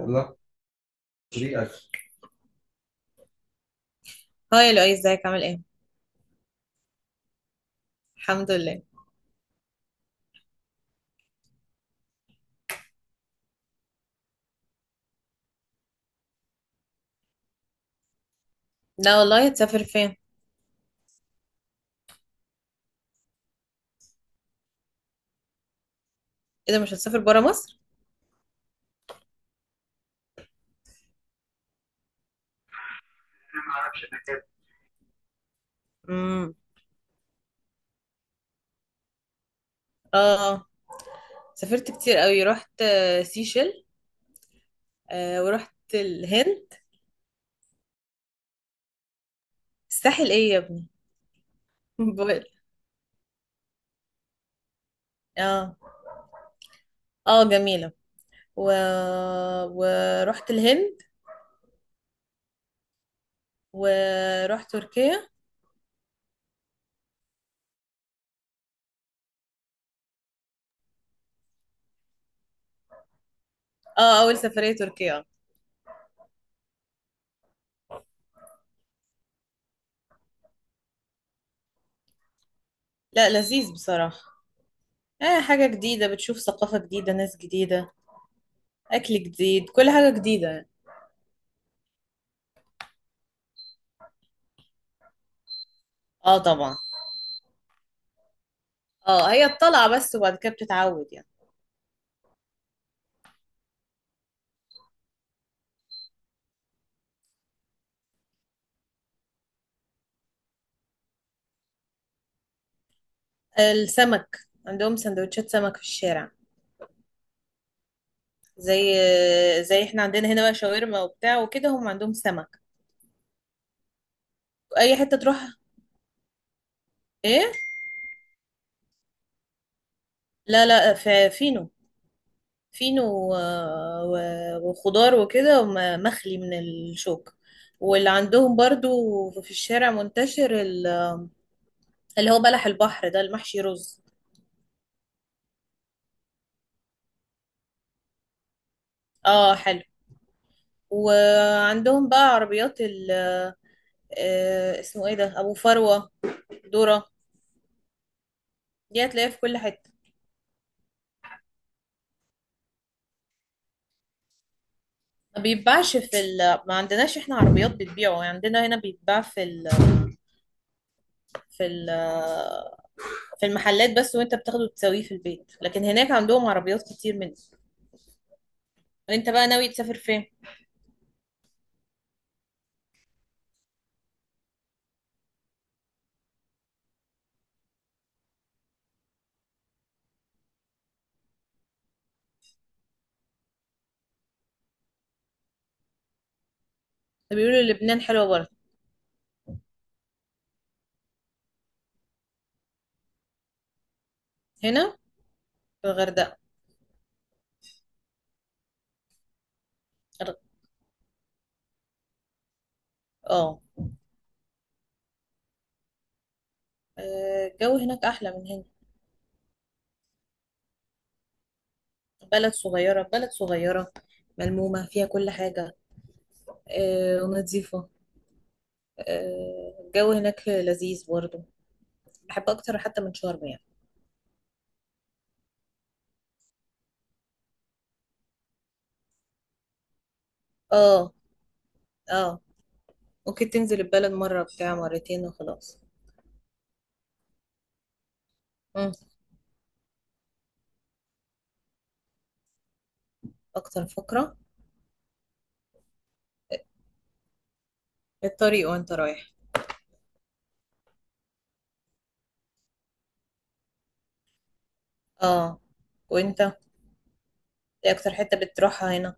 يلا، طريقك. هاي لؤي، ازيك؟ عامل ايه؟ الحمد لله. لا والله، هتسافر فين؟ ايه ده، مش هتسافر برا مصر؟ امم. اه، سافرت كتير قوي. رحت سيشل. آه، ورحت الهند. الساحل ايه يا ابني؟ بقول. اه، اه، جميلة. و... ورحت الهند. ورحت تركيا. اه، اول سفرية تركيا. لا، لذيذ بصراحة. اه، حاجة جديدة، بتشوف ثقافة جديدة، ناس جديدة، اكل جديد، كل حاجة جديدة. اه، طبعا. اه، هي الطلعة بس، وبعد كده بتتعود يعني. السمك. عندهم سندوتشات سمك في الشارع، زي زي احنا عندنا هنا بقى شاورما وبتاع وكده، هم عندهم سمك. اي حتة تروح. ايه؟ لا لا، في فينو. فينو وخضار وكده مخلي من الشوك. واللي عندهم برضو في الشارع منتشر اللي هو بلح البحر ده، المحشي رز. اه، حلو. وعندهم بقى عربيات اسمه ايه ده؟ ابو فروة. ذرة. دي هتلاقيها في كل حتة. ما بيتباعش. ما عندناش احنا عربيات بتبيعه يعني. عندنا هنا بيتباع في ال... في المحلات بس، وانت بتاخده تسويه في البيت. لكن هناك عندهم عربيات كتير منه. انت بقى ناوي تسافر فين؟ بيقولوا لبنان حلوة برضه. هنا في الغردقة. الغ- اه. الجو هناك احلى من هنا. بلد صغيرة، بلد صغيرة، ملمومة فيها كل حاجة. ونظيفة. الجو هناك لذيذ برضه. بحب اكتر حتى من شرم يعني. اه، اه، اوكي، تنزل البلد مرة بتاع مرتين وخلاص. مم. اكتر فقرة؟ الطريق وانت رايح. اه، وانت، ايه اكتر حتة بتروحها هنا؟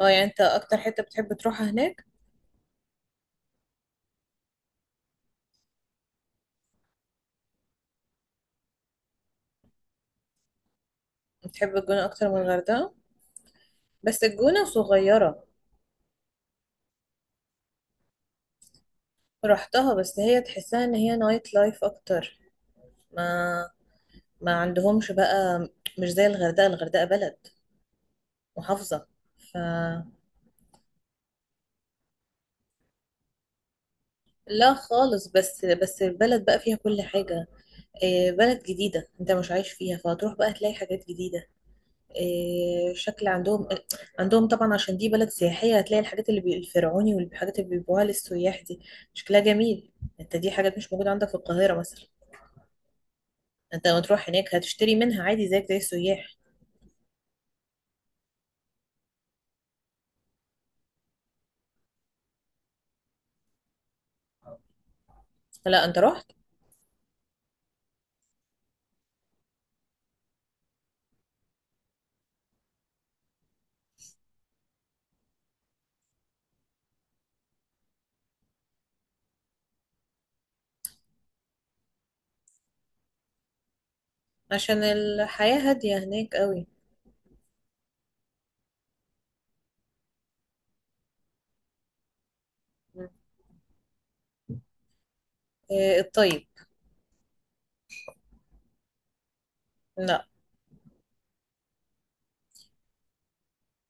اه، يعني انت اكتر حتة بتحب تروحها هناك؟ بتحب الجونة اكتر من الغردقة؟ بس الجونة صغيرة. رحتها، بس هي تحسها ان هي نايت لايف اكتر. ما ما عندهمش بقى. مش زي الغردقة. الغردقة بلد محافظة، ف لا خالص. بس بس البلد بقى فيها كل حاجة. بلد جديدة انت مش عايش فيها، فهتروح بقى تلاقي حاجات جديدة. شكل عندهم. عندهم طبعا، عشان دي بلد سياحية، هتلاقي الحاجات اللي الفرعوني، والحاجات اللي بيبيعوها للسياح دي، شكلها جميل. انت دي حاجات مش موجودة عندك في القاهرة مثلا. انت لما تروح هناك هتشتري منها عادي، زيك زي السياح. لا، انت رحت. عشان الحياة هادية هناك قوي. م. الطيب. لا،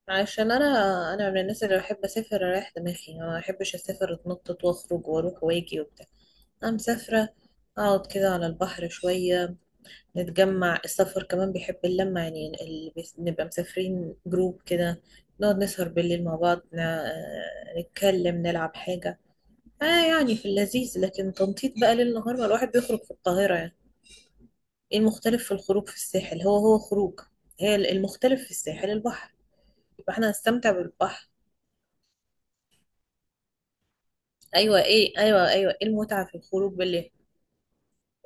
عشان انا من الناس اللي بحب اسافر اريح دماغي. ما بحبش اسافر اتنطط واخرج واروح واجي وبتاع. أنا مسافرة، أقعد كده على البحر شوية نتجمع. السفر كمان بيحب اللمة يعني. اللي نبقى مسافرين جروب كده، نقعد نسهر بالليل مع بعض، نتكلم، نلعب حاجة. آه، يعني في اللذيذ، لكن تنطيط بقى ليل نهار، ما الواحد بيخرج في القاهرة يعني. إيه المختلف في الخروج في الساحل؟ هو هو خروج. هي المختلف في الساحل البحر. يبقى احنا هنستمتع بالبحر. أيوة. إيه؟ أيوة، أيوة. إيه المتعة في الخروج بالليل؟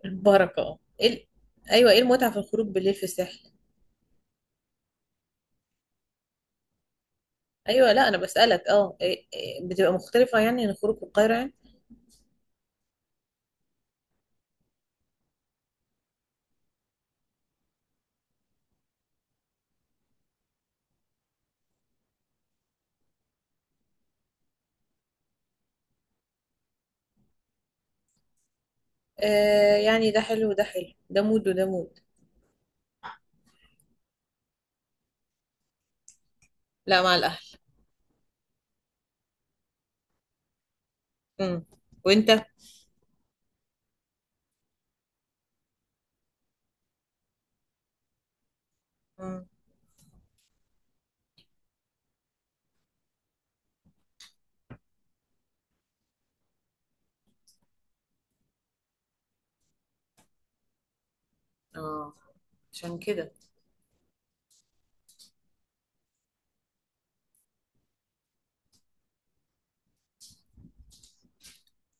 البركة. اه، إيه أيوة، إيه المتعة في الخروج بالليل في الساحل؟ ايوه. لا انا بسألك. اه، إيه، بتبقى مختلفة يعني عن خروج القاهرة يعني؟ يعني ده حلو وده حلو، ده مود وده مود. لا، مع الاهل. امم. وانت؟ امم. اه، عشان كده.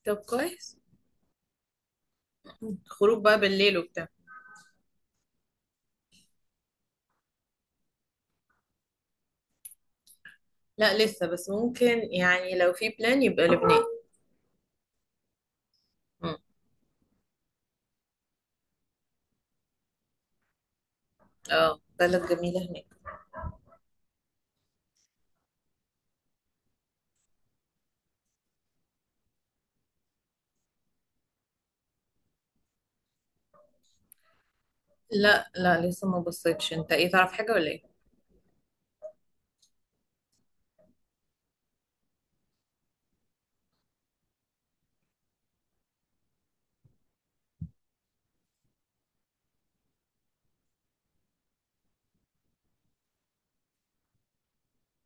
طب كويس. خروج بقى بالليل وبتاع. لا، لسه بس ممكن يعني، لو في بلان يبقى لبنان. امم. اه، بلد جميلة هناك. لا لا، لسه ما بصيتش. انت ايه، تعرف حاجة ولا ايه؟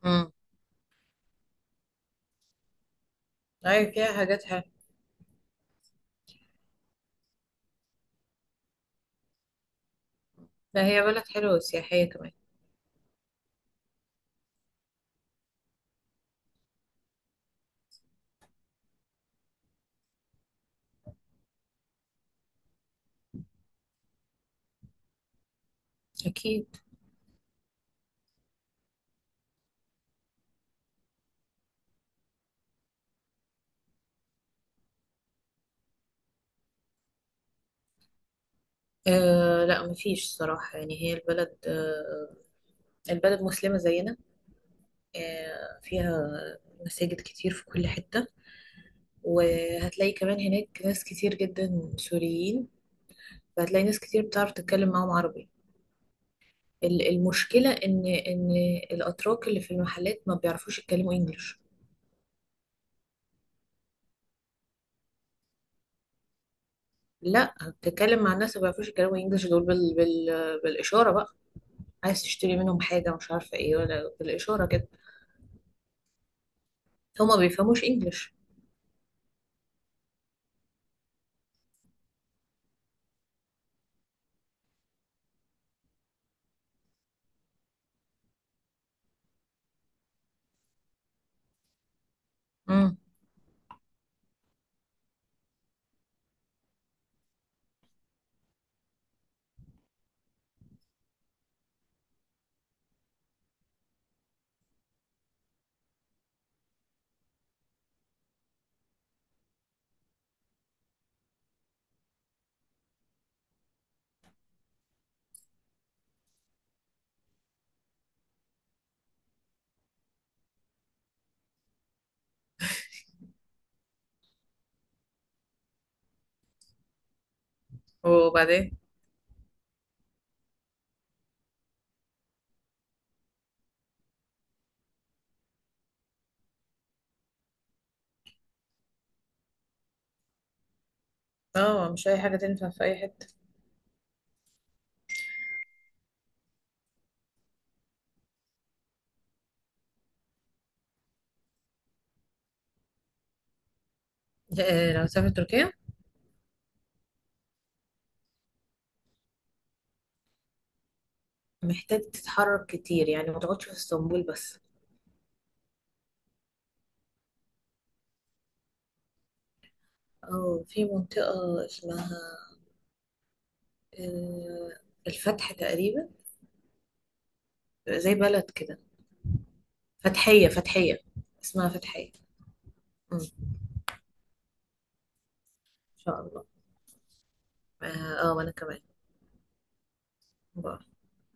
امم. ايوه، فيها حاجات حلوة. لا، هي بلد حلوة وسياحية كمان. أكيد. لا مفيش صراحة يعني. هي البلد البلد مسلمة زينا. فيها مساجد كتير في كل حتة. وهتلاقي كمان هناك ناس كتير جدا سوريين، فهتلاقي ناس كتير بتعرف تتكلم معاهم عربي. المشكلة إن الأتراك اللي في المحلات ما بيعرفوش يتكلموا إنجليش. لا، بتتكلم مع الناس ما بيعرفوش يتكلموا إنجليش دول بالإشارة بقى. عايز تشتري منهم حاجة مش عارفة إيه، ولا بالإشارة كده. هما ما بيفهموش إنجليش. امم. وبعدين. اه، مش اي حاجه تنفع في اي حته. لو سافر تركيا، محتاج تتحرك كتير يعني، ما تقعدش في اسطنبول بس. اه، في منطقه اسمها، آه، الفتح تقريبا، زي بلد كده. فتحيه، فتحيه. اسمها فتحيه. مم. ان شاء الله. اه. وانا كمان. باي.